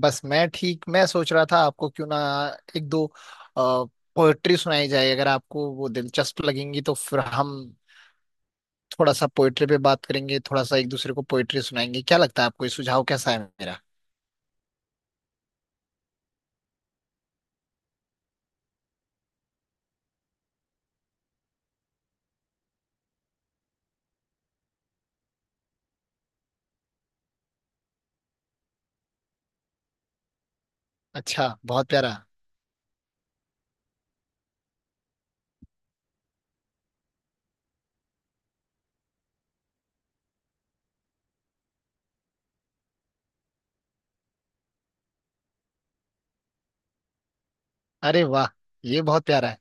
बस मैं सोच रहा था आपको क्यों ना एक दो पोएट्री सुनाई जाए, अगर आपको वो दिलचस्प लगेंगी तो फिर हम थोड़ा सा पोएट्री पे बात करेंगे, थोड़ा सा एक दूसरे को पोएट्री सुनाएंगे। क्या लगता है आपको, ये सुझाव कैसा है मेरा? अच्छा, बहुत प्यारा। अरे वाह, ये बहुत प्यारा है।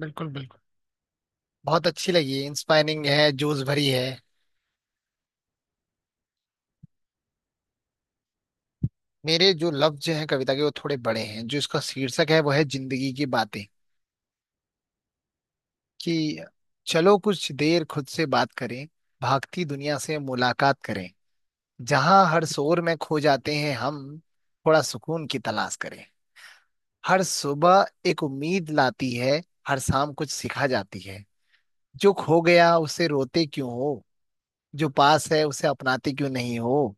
बिल्कुल बिल्कुल, बहुत अच्छी लगी, इंस्पायरिंग है, जोश भरी है। मेरे जो लफ्ज हैं कविता के वो थोड़े बड़े हैं। जो इसका शीर्षक है वो है जिंदगी की बातें। कि चलो कुछ देर खुद से बात करें, भागती दुनिया से मुलाकात करें। जहां हर शोर में खो जाते हैं हम, थोड़ा सुकून की तलाश करें। हर सुबह एक उम्मीद लाती है, हर शाम कुछ सिखा जाती है। जो खो गया उसे रोते क्यों हो, जो पास है उसे अपनाते क्यों नहीं हो।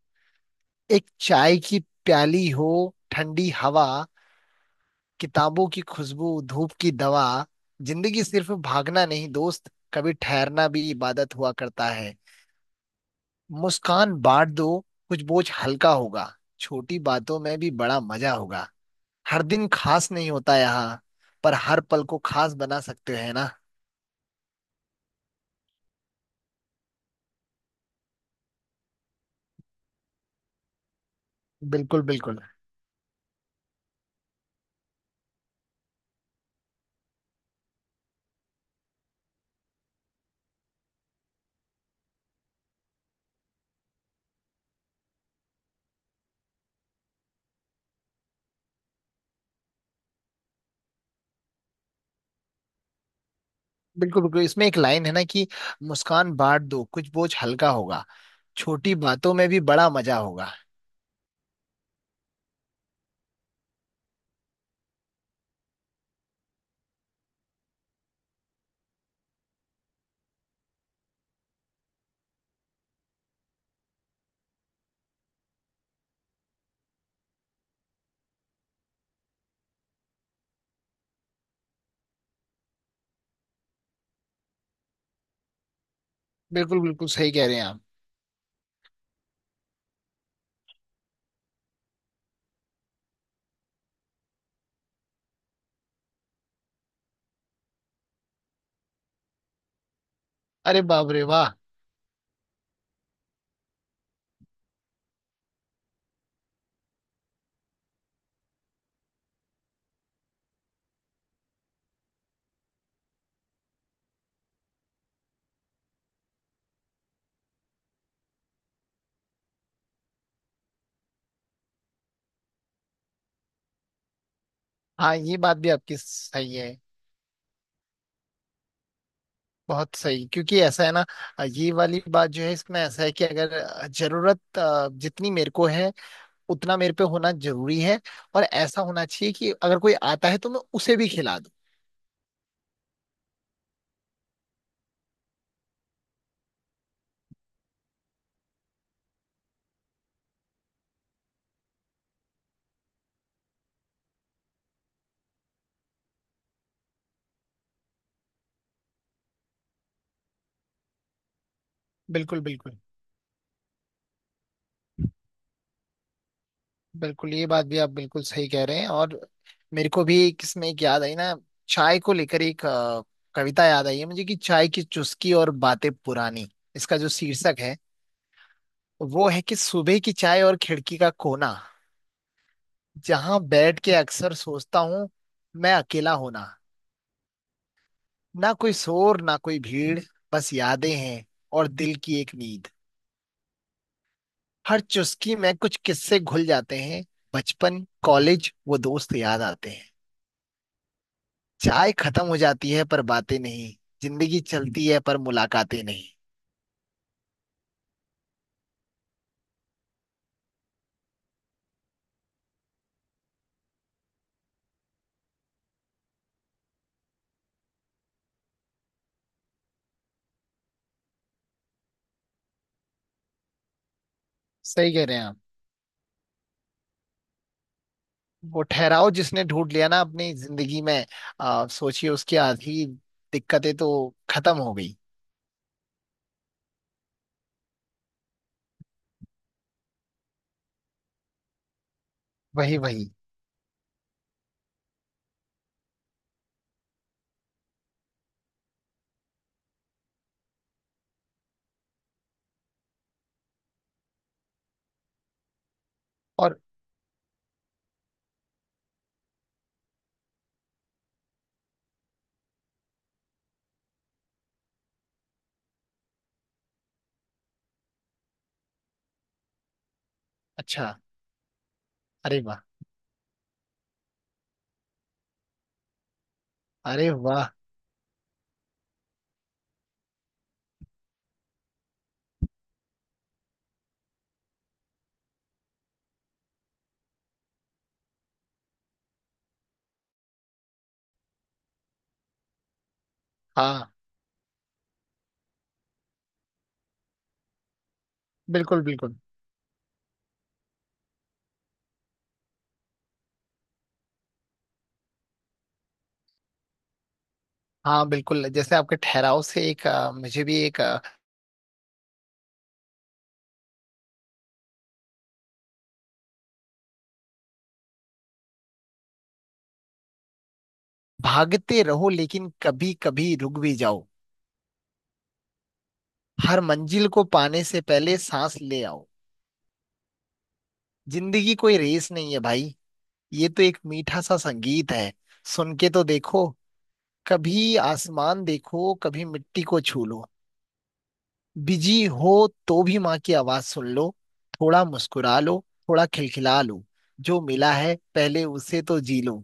एक चाय की प्याली हो, ठंडी हवा, किताबों की खुशबू, धूप की दवा। जिंदगी सिर्फ भागना नहीं दोस्त, कभी ठहरना भी इबादत हुआ करता है। मुस्कान बांट दो, कुछ बोझ हल्का होगा, छोटी बातों में भी बड़ा मजा होगा। हर दिन खास नहीं होता यहाँ, पर हर पल को खास बना सकते हैं ना। बिल्कुल बिल्कुल। बिल्कुल बिल्कुल, इसमें एक लाइन है ना कि मुस्कान बांट दो, कुछ बोझ हल्का होगा, छोटी बातों में भी बड़ा मजा होगा। बिल्कुल बिल्कुल, सही कह रहे हैं आप। अरे बाप रे, वाह। हाँ, ये बात भी आपकी सही है। बहुत सही, क्योंकि ऐसा है ना, ये वाली बात जो है इसमें ऐसा है कि अगर जरूरत जितनी मेरे को है उतना मेरे पे होना जरूरी है। और ऐसा होना चाहिए कि अगर कोई आता है तो मैं उसे भी खिला दूं। बिल्कुल बिल्कुल। बिल्कुल ये बात भी आप बिल्कुल सही कह रहे हैं। और मेरे को भी किसमें एक याद आई ना, चाय को लेकर एक कविता याद आई है मुझे कि चाय की चुस्की और बातें पुरानी। इसका जो शीर्षक है वो है कि सुबह की चाय और खिड़की का कोना। जहां बैठ के अक्सर सोचता हूँ मैं अकेला होना। ना कोई शोर, ना कोई भीड़, बस यादें हैं और दिल की एक नींद। हर चुस्की में कुछ किस्से घुल जाते हैं, बचपन, कॉलेज, वो दोस्त याद आते हैं। चाय खत्म हो जाती है पर बातें नहीं, जिंदगी चलती है पर मुलाकातें नहीं। सही कह रहे हैं आप। वो ठहराव जिसने ढूंढ लिया ना अपनी जिंदगी में, सोचिए उसकी आधी दिक्कतें तो खत्म हो गई। वही वही। और अच्छा। अरे वाह। अरे वाह। हाँ, बिल्कुल बिल्कुल। हाँ बिल्कुल, जैसे आपके ठहराव से एक मुझे भी एक भागते रहो लेकिन कभी कभी रुक भी जाओ। हर मंजिल को पाने से पहले सांस ले आओ। जिंदगी कोई रेस नहीं है भाई, ये तो एक मीठा सा संगीत है, सुन के तो देखो। कभी आसमान देखो, कभी मिट्टी को छू लो। बिजी हो तो भी माँ की आवाज सुन लो। थोड़ा मुस्कुरा लो, थोड़ा खिलखिला लो, जो मिला है पहले उसे तो जी लो।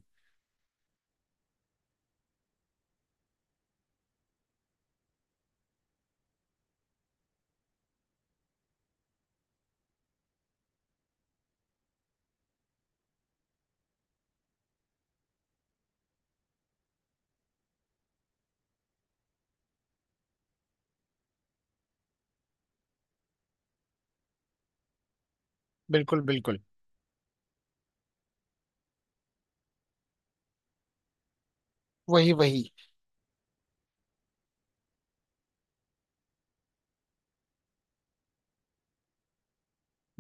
बिल्कुल बिल्कुल। वही वही।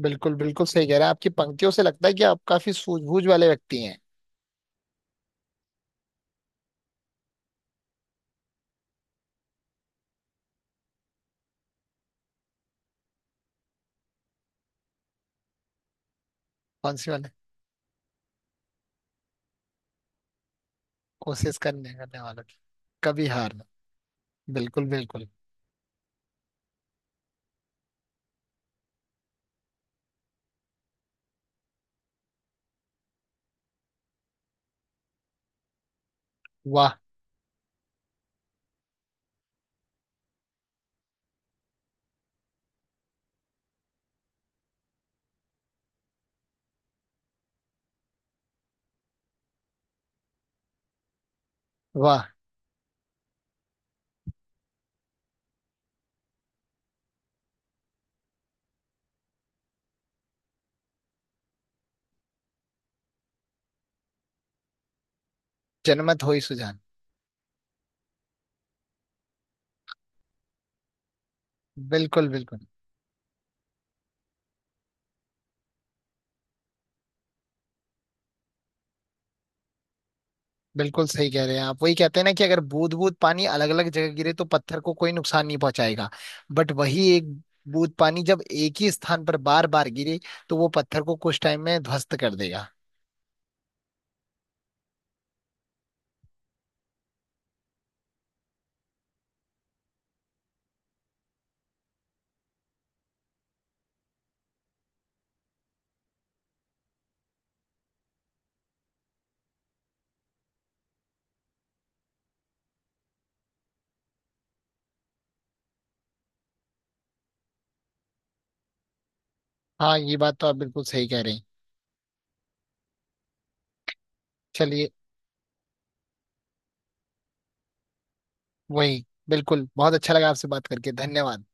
बिल्कुल बिल्कुल, सही कह रहे हैं। आपकी पंक्तियों से लगता है कि आप काफी सूझबूझ वाले व्यक्ति हैं। कौन सी वाले? कोशिश करने करने वालों की कभी हार ना। बिल्कुल बिल्कुल। वाह। वाह। जनमत हो ही सुजान। बिल्कुल बिल्कुल। बिल्कुल सही कह रहे हैं आप। वही कहते हैं ना कि अगर बूंद बूंद पानी अलग अलग जगह गिरे तो पत्थर को कोई नुकसान नहीं पहुंचाएगा। बट वही एक बूंद पानी जब एक ही स्थान पर बार बार गिरे तो वो पत्थर को कुछ टाइम में ध्वस्त कर देगा। हाँ, ये बात तो आप बिल्कुल सही कह रहे हैं। चलिए। वही बिल्कुल, बहुत अच्छा लगा आपसे बात करके, धन्यवाद।